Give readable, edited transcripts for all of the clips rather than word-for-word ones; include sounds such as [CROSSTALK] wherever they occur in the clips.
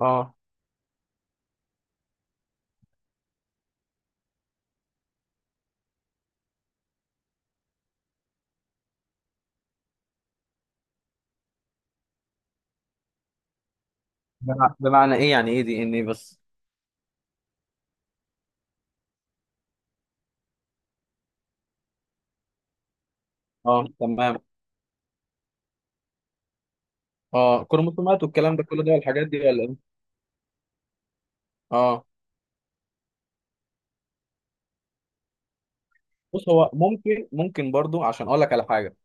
اه، بمعنى ايه؟ يعني ايه دي ان ايه بس؟ اه، تمام. اه، كروموسومات والكلام ده كله ده والحاجات دي ولا ايه؟ اه، بص. هو ممكن برضو عشان اقول لك على حاجه.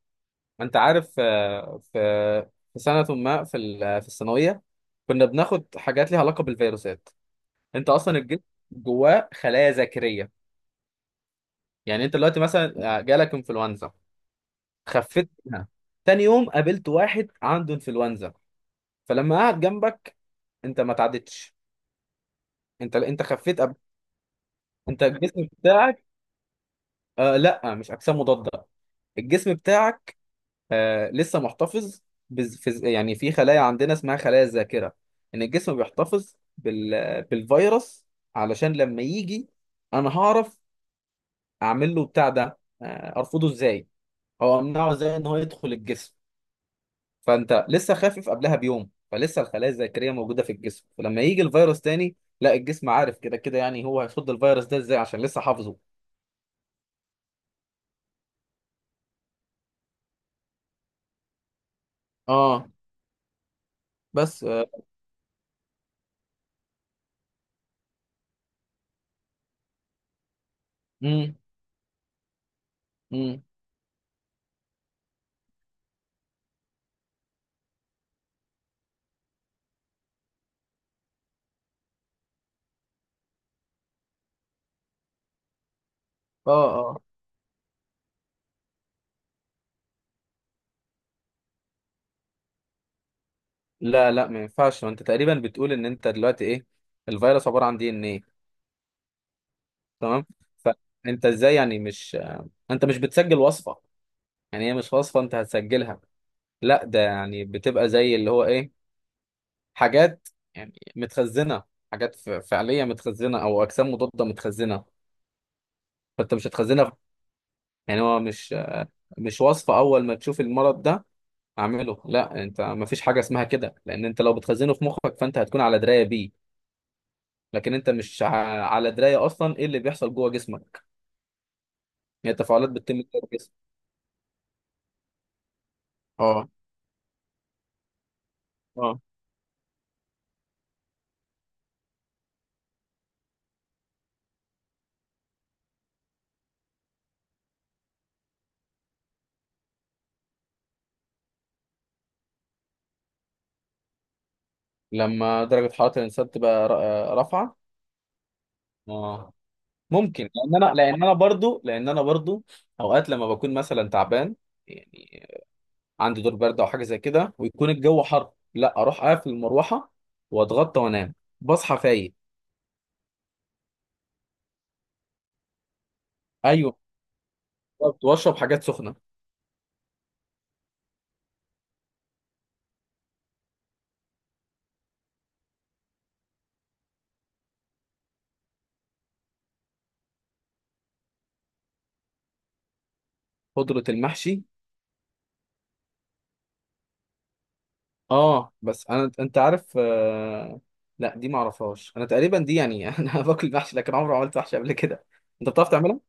انت عارف في سنه ما في الثانويه كنا بناخد حاجات ليها علاقه بالفيروسات. انت اصلا الجسم جواه خلايا ذاكريه. يعني انت دلوقتي مثلا جالك انفلونزا، خفيت منها، تاني يوم قابلت واحد عنده انفلونزا، فلما قعد جنبك انت ما تعدتش، انت خفيت. انت الجسم بتاعك، آه لا مش اجسام مضاده. الجسم بتاعك لسه محتفظ، يعني في خلايا عندنا اسمها خلايا الذاكره، ان الجسم بيحتفظ بالفيروس علشان لما يجي انا هعرف اعمل له بتاع ده ارفضه ازاي او امنعه ازاي ان هو يدخل الجسم. فانت لسه خافف قبلها بيوم فلسه الخلايا الذاكريه موجوده في الجسم، فلما يجي الفيروس تاني لا الجسم عارف كده كده، يعني هو هيصد الفيروس ده ازاي عشان لسه حافظه. اه، بس. آه. مم. امم. اه، اه. لا، لا، ما ينفعش. ما انت تقريبا بتقول ان انت دلوقتي ايه؟ الفيروس عباره عن دي ان ايه، تمام. فانت ازاي؟ يعني مش انت مش بتسجل وصفه، يعني هي مش وصفه انت هتسجلها، لا ده يعني بتبقى زي اللي هو ايه، حاجات يعني متخزنه، حاجات فعليه متخزنه او اجسام مضاده متخزنه. فانت مش هتخزنها. يعني هو مش مش وصفه اول ما تشوف المرض ده اعمله، لا انت ما فيش حاجه اسمها كده. لان انت لو بتخزنه في مخك فانت هتكون على درايه بيه، لكن انت مش على درايه اصلا ايه اللي بيحصل جوه جسمك، هي تفاعلات بتتم جوه الجسم. اه، اه. لما درجه حراره الانسان تبقى رافعه، اه ممكن. لان انا برضو اوقات لما بكون مثلا تعبان، يعني عندي دور برد او حاجه زي كده، ويكون الجو حر، لا اروح اقفل المروحه واتغطى وانام، بصحى فايق. ايوه، بالظبط، واشرب حاجات سخنه. خضره المحشي؟ اه بس انا انت عارف. لا دي ما اعرفهاش انا تقريبا، دي يعني [LAUGHS] انا باكل محشي لكن عمري ما عملت محشي قبل كده. انت بتعرف تعملها؟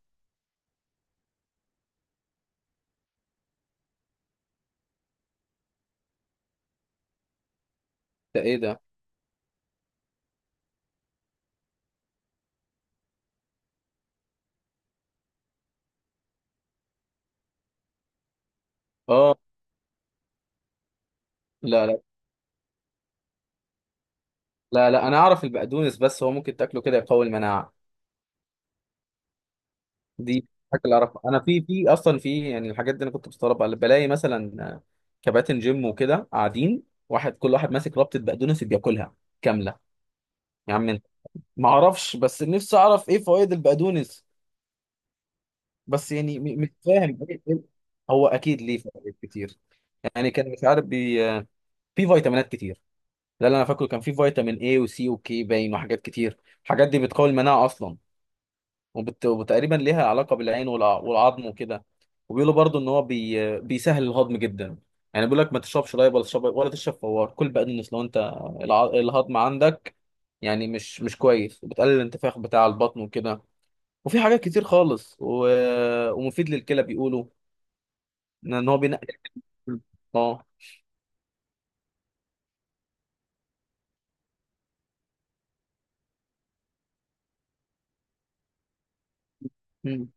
ده ايه ده؟ اه، لا، لا، لا، لا، انا اعرف البقدونس، بس هو ممكن تاكله كده يقوي المناعه؟ دي اكل اعرف انا. في اصلا في يعني الحاجات دي انا كنت بستغربها، بلاقي مثلا كباتن جيم وكده قاعدين، واحد كل واحد ماسك ربطه بقدونس بياكلها كامله. يا عم انت، ما اعرفش بس نفسي اعرف ايه فوائد البقدونس، بس يعني مش فاهم. هو اكيد ليه فوائد كتير، يعني كان مش عارف. في فيتامينات كتير. لا، لا، انا فاكره كان في فيتامين اي وسي وكي باين وحاجات كتير، الحاجات دي بتقوي المناعه اصلا، وتقريبا ليها علاقه بالعين والعظم وكده. وبيقولوا برضو ان هو بيسهل الهضم جدا. يعني بيقول لك ما تشربش لايب ولا تشرب فوار، كل بقدونس لو انت الهضم عندك يعني مش كويس، وبتقلل الانتفاخ بتاع البطن وكده. وفي حاجات كتير خالص ومفيد للكلى، بيقولوا ان هو بينقل. اه. مم.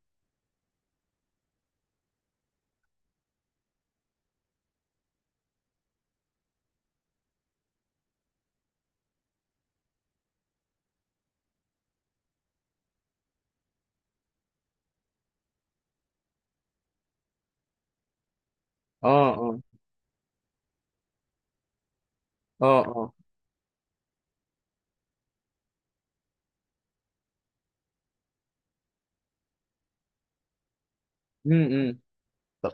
اه، اه، اه، اه. مم، مم. طب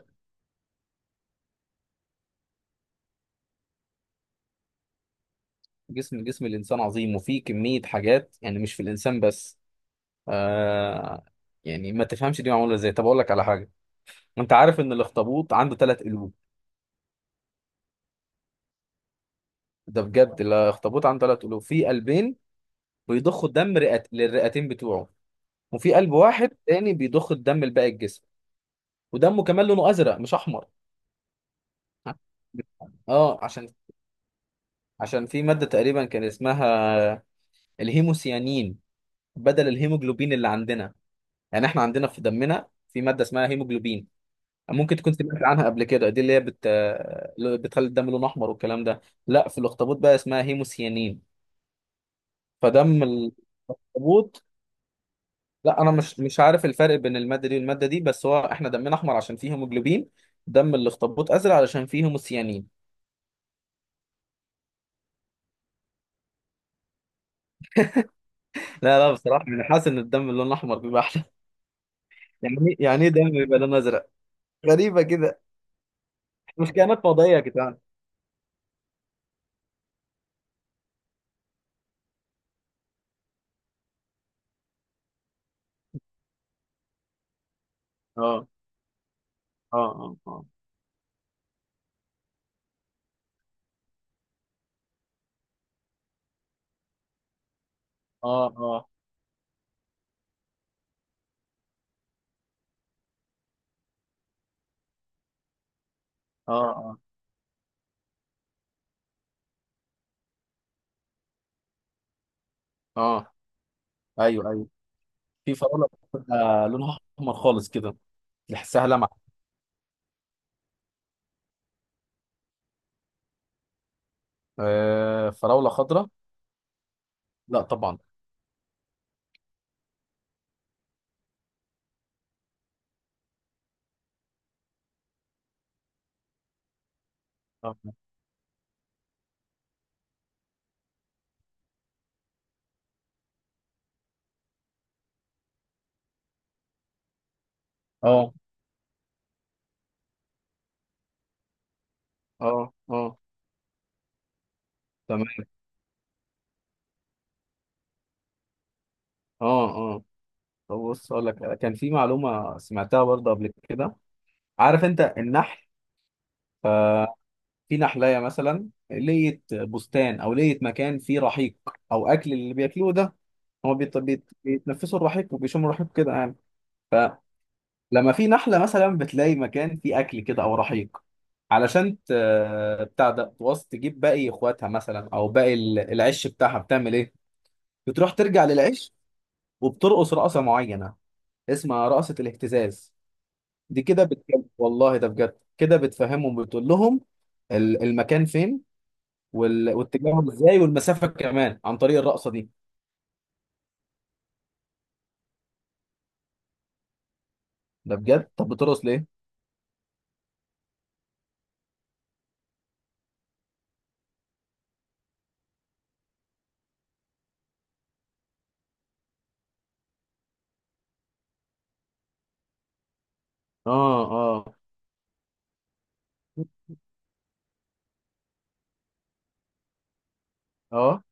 جسم الانسان عظيم، وفيه كميه حاجات يعني مش في الانسان بس. آه. يعني ما تفهمش دي معموله ازاي؟ طب اقول لك على حاجه، انت عارف ان الاخطبوط عنده ثلاث قلوب؟ ده بجد، الاخطبوط عنده ثلاث قلوب، في قلبين بيضخوا الدم للرئتين بتوعه، وفي قلب واحد تاني بيضخ الدم لباقي الجسم. ودمه كمان لونه ازرق مش احمر. اه، عشان في ماده تقريبا كان اسمها الهيموسيانين، بدل الهيموجلوبين اللي عندنا. يعني احنا عندنا في دمنا في ماده اسمها هيموجلوبين، ممكن تكون سمعت عنها قبل كده، دي اللي هي بتخلي الدم لونه احمر والكلام ده. لا، في الاخطبوط بقى اسمها هيموسيانين. فدم الاخطبوط، لا انا مش عارف الفرق بين الماده دي والماده دي، بس هو احنا دمنا احمر عشان فيه هيموجلوبين، دم الاخطبوط ازرق علشان فيه هيموسيانين. لا، لا، بصراحه انا حاسس ان الدم اللون الاحمر بيبقى احلى. [LAUGHS] يعني يعني ايه دم بيبقى لونه ازرق؟ غريبه كده. مش كائنات فضائيه يا جدعان. اه، اه، اه، اه، اه، اه، اه، اه. ايوه، ايوه. في فراوله بتبقى لونها احمر خالص كده، تحسها لمعه. آه، فراوله خضراء؟ لا طبعا. اه، اه، اه. آه. تمام. اه، اه، طب بص اقول لك كان في معلومه سمعتها برضه قبل كده. عارف انت النحل؟ آه. في نحلية مثلا لقيت بستان او لقيت مكان فيه رحيق او اكل اللي بياكلوه ده، هو بيتنفسوا الرحيق وبيشموا الرحيق كده. لما في نحلة مثلا بتلاقي مكان فيه أكل كده أو رحيق علشان بتاع ده توص تجيب باقي إخواتها مثلا أو باقي العش بتاعها، بتعمل إيه؟ بتروح ترجع للعش وبترقص رقصة معينة اسمها رقصة الاهتزاز. دي كده بتجيب والله، ده بجد، كده بتفهمهم، بتقول لهم المكان فين واتجاههم ازاي والمسافة كمان عن طريق الرقصة دي. ده بجد، طب بترقص ليه؟ اه، اه، اه،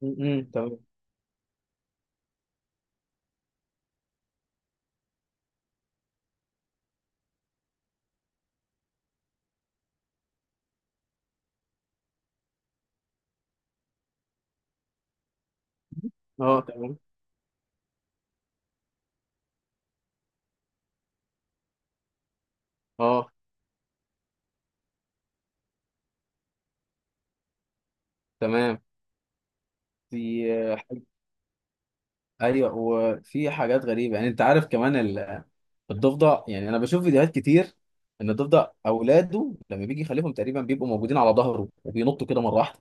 م- م، تمام. اه، تمام. اه، تمام. دي، ايوه، وفي حاجات غريبه، يعني انت عارف كمان الضفدع، يعني انا بشوف فيديوهات كتير ان الضفدع اولاده لما بيجي يخلفهم تقريبا بيبقوا موجودين على ظهره وبينطوا كده مره واحده.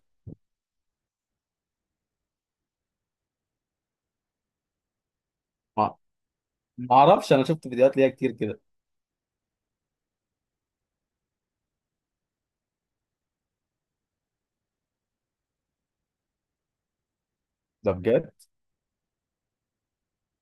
ما ما اعرفش، انا شفت فيديوهات ليها كتير كده. ده بجد.